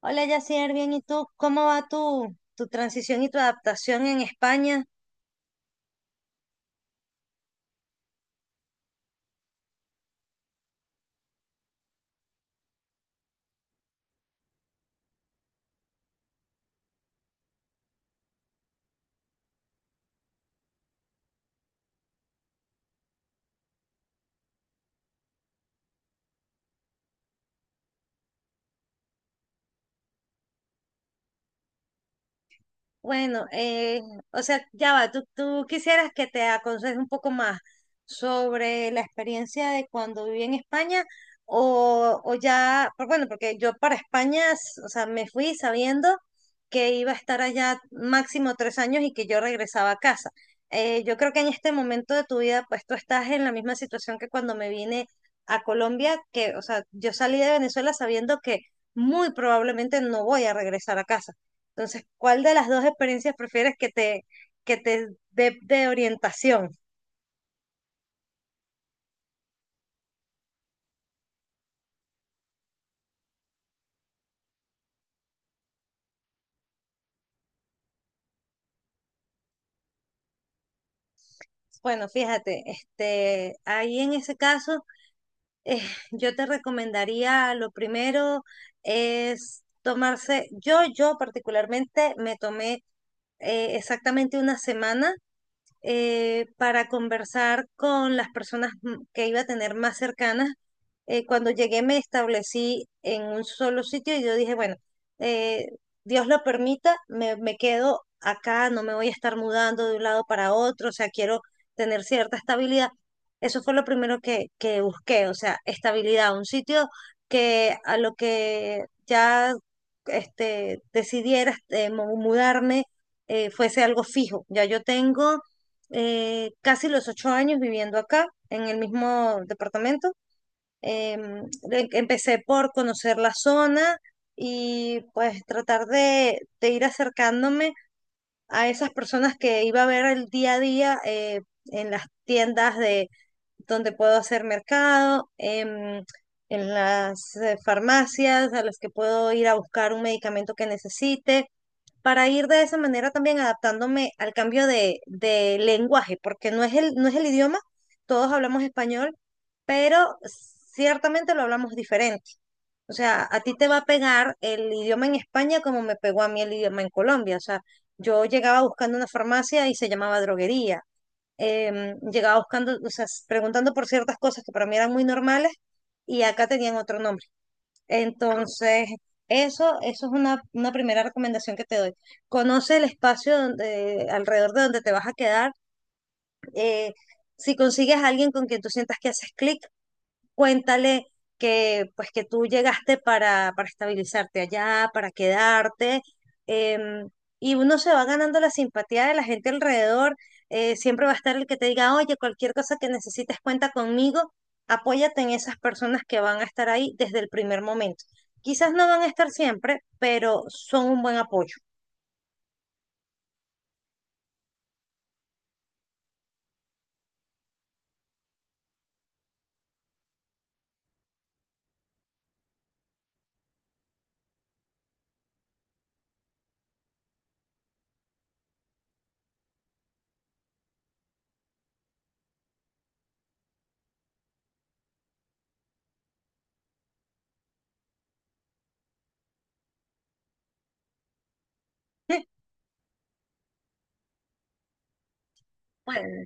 Hola, Yacier, bien, ¿y tú? ¿Cómo va tu transición y tu adaptación en España? Bueno, o sea, ya va, tú quisieras que te aconseje un poco más sobre la experiencia de cuando viví en España o ya, bueno, porque yo para España, o sea, me fui sabiendo que iba a estar allá máximo 3 años y que yo regresaba a casa. Yo creo que en este momento de tu vida, pues tú estás en la misma situación que cuando me vine a Colombia, que, o sea, yo salí de Venezuela sabiendo que muy probablemente no voy a regresar a casa. Entonces, ¿cuál de las dos experiencias prefieres que te dé de orientación? Bueno, fíjate, ahí en ese caso, eh, yo te recomendaría, lo primero es tomarse, yo particularmente me tomé exactamente una semana para conversar con las personas que iba a tener más cercanas. Cuando llegué me establecí en un solo sitio y yo dije, bueno, eh, Dios lo permita, me quedo acá, no me voy a estar mudando de un lado para otro, o sea, quiero tener cierta estabilidad. Eso fue lo primero que busqué, o sea, estabilidad, un sitio que a lo que ya decidiera mudarme fuese algo fijo. Ya yo tengo casi los 8 años viviendo acá, en el mismo departamento. Em, Empecé por conocer la zona y pues tratar de ir acercándome a esas personas que iba a ver el día a día en las tiendas de donde puedo hacer mercado, en las farmacias a las que puedo ir a buscar un medicamento que necesite para ir de esa manera también adaptándome al cambio de lenguaje, porque no es el idioma, todos hablamos español, pero ciertamente lo hablamos diferente. O sea, a ti te va a pegar el idioma en España como me pegó a mí el idioma en Colombia. O sea, yo llegaba buscando una farmacia y se llamaba droguería. Llegaba buscando, o sea, preguntando por ciertas cosas que para mí eran muy normales y acá tenían otro nombre. Entonces, eso es una primera recomendación que te doy. Conoce el espacio alrededor de donde te vas a quedar. eh, si consigues a alguien con quien tú sientas que haces clic, cuéntale que pues que tú llegaste para estabilizarte allá, para quedarte, em, y uno se va ganando la simpatía de la gente alrededor. Siempre va a estar el que te diga, oye, cualquier cosa que necesites, cuenta conmigo, apóyate en esas personas que van a estar ahí desde el primer momento. Quizás no van a estar siempre, pero son un buen apoyo. Bueno,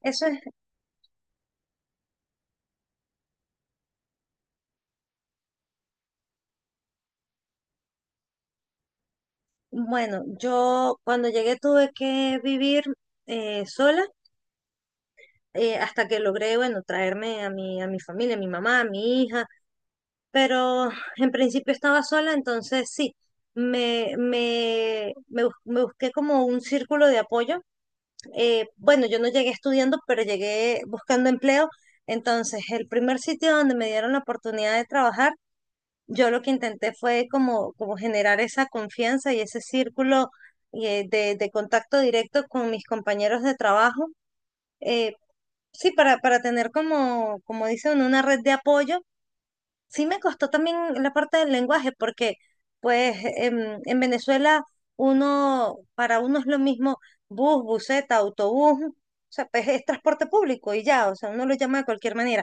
eso es, bueno, yo cuando llegué tuve que vivir sola hasta que logré, bueno, traerme a mi familia, a mi mamá, a mi hija, pero en principio estaba sola, entonces sí, me busqué como un círculo de apoyo. Bueno, yo no llegué estudiando, pero llegué buscando empleo, entonces el primer sitio donde me dieron la oportunidad de trabajar, yo lo que intenté fue como generar esa confianza y ese círculo de contacto directo con mis compañeros de trabajo. eh, Sí, para tener como dice uno, una red de apoyo. Sí me costó también la parte del lenguaje, porque pues en Venezuela para uno es lo mismo bus, buseta, autobús, o sea, pues es transporte público y ya, o sea, uno lo llama de cualquier manera.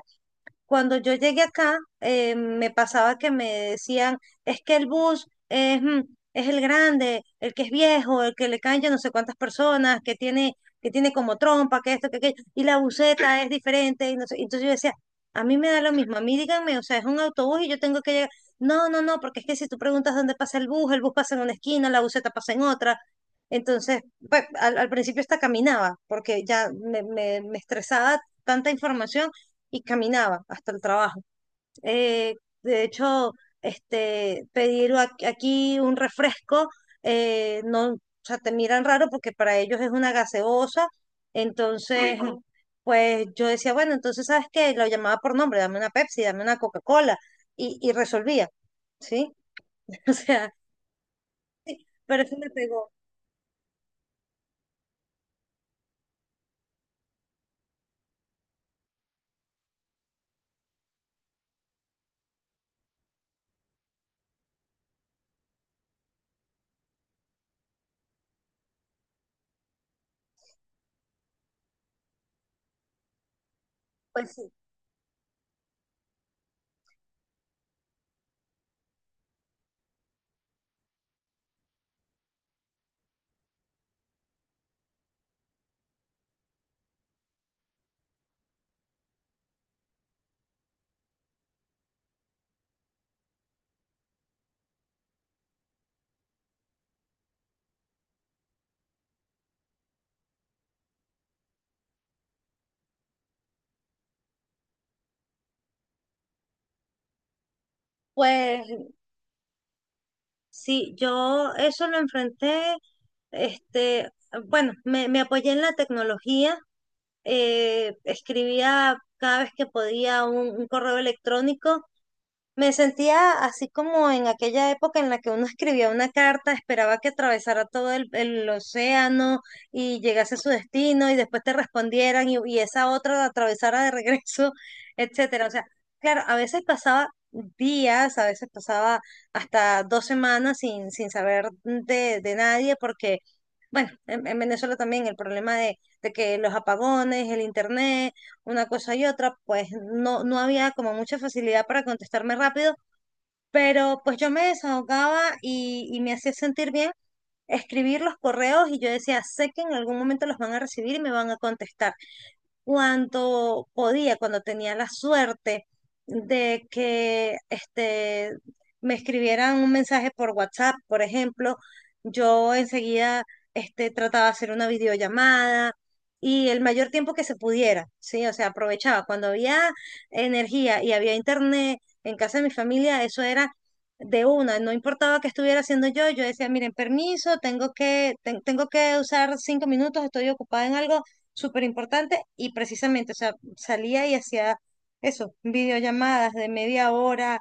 Cuando yo llegué acá, me pasaba que me decían, es que el bus es el grande, el que es viejo, el que le caen yo no sé cuántas personas, que tiene como trompa, que esto, que aquello, y la buseta es diferente, y no sé. Entonces yo decía, a mí me da lo mismo, a mí díganme, o sea, es un autobús y yo tengo que llegar. No, no, no, porque es que si tú preguntas dónde pasa el bus pasa en una esquina, la buseta pasa en otra. Entonces, pues, al principio hasta caminaba, porque ya me estresaba tanta información y caminaba hasta el trabajo. Eh, de hecho, pedir aquí un refresco, no, o sea, te miran raro porque para ellos es una gaseosa. Entonces, ujú. Pues yo decía, bueno, entonces, ¿sabes qué? Lo llamaba por nombre, dame una Pepsi, dame una Coca-Cola y resolvía, ¿sí? O sea, pero eso me pegó. Pues sí, pues sí, yo eso lo enfrenté, este, bueno, me apoyé en la tecnología escribía cada vez que podía un correo electrónico. Me sentía así como en aquella época en la que uno escribía una carta, esperaba que atravesara todo el océano y llegase a su destino y después te respondieran y esa otra la atravesara de regreso, etcétera. O sea, claro, a veces pasaba días, a veces pasaba hasta 2 semanas sin saber de nadie porque, bueno, en Venezuela también el problema de que los apagones, el internet, una cosa y otra, pues no había como mucha facilidad para contestarme rápido, pero pues yo me desahogaba y me hacía sentir bien escribir los correos y yo decía, sé que en algún momento los van a recibir y me van a contestar cuando podía, cuando tenía la suerte de que me escribieran un mensaje por WhatsApp, por ejemplo, yo enseguida trataba de hacer una videollamada y el mayor tiempo que se pudiera, ¿sí? O sea, aprovechaba. Cuando había energía y había internet en casa de mi familia, eso era de una, no importaba qué estuviera haciendo yo, decía, miren, permiso, tengo que usar 5 minutos, estoy ocupada en algo súper importante y precisamente, o sea, salía y hacía eso, videollamadas de media hora,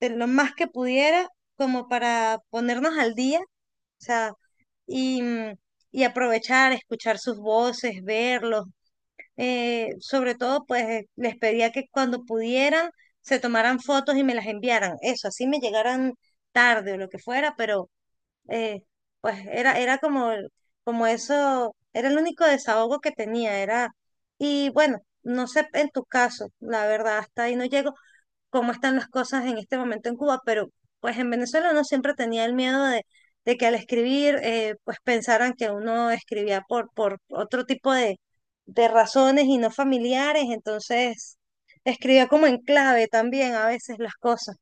de lo más que pudiera, como para ponernos al día, o sea, y, mm, y aprovechar, escuchar sus voces, verlos. Sobre todo, pues les pedía que cuando pudieran se tomaran fotos y me las enviaran. Eso, así me llegaran tarde o lo que fuera, pero eh, pues era como eso, era el único desahogo que tenía, y bueno, no sé en tu caso, la verdad, hasta ahí no llego, cómo están las cosas en este momento en Cuba, pero pues en Venezuela uno siempre tenía el miedo de, que al escribir, pues pensaran que uno escribía por otro tipo de razones y no familiares, entonces escribía como en clave también a veces las cosas.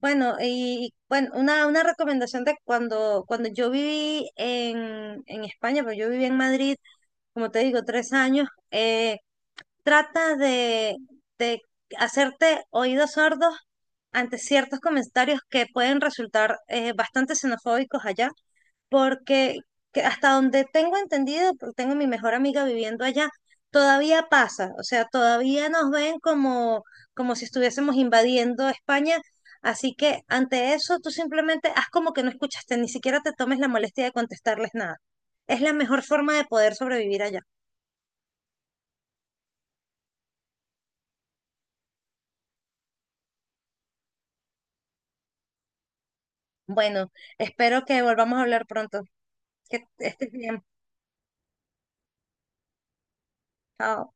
Bueno, una recomendación de cuando yo viví en España, pero yo viví en Madrid, como te digo, 3 años. Trata de hacerte oídos sordos ante ciertos comentarios que pueden resultar bastante xenofóbicos allá, porque que hasta donde tengo entendido, porque tengo mi mejor amiga viviendo allá, todavía pasa, o sea, todavía nos ven como si estuviésemos invadiendo España, así que ante eso tú simplemente haz como que no escuchaste, ni siquiera te tomes la molestia de contestarles nada. Es la mejor forma de poder sobrevivir allá. Bueno, espero que volvamos a hablar pronto. Que estés bien. Chao.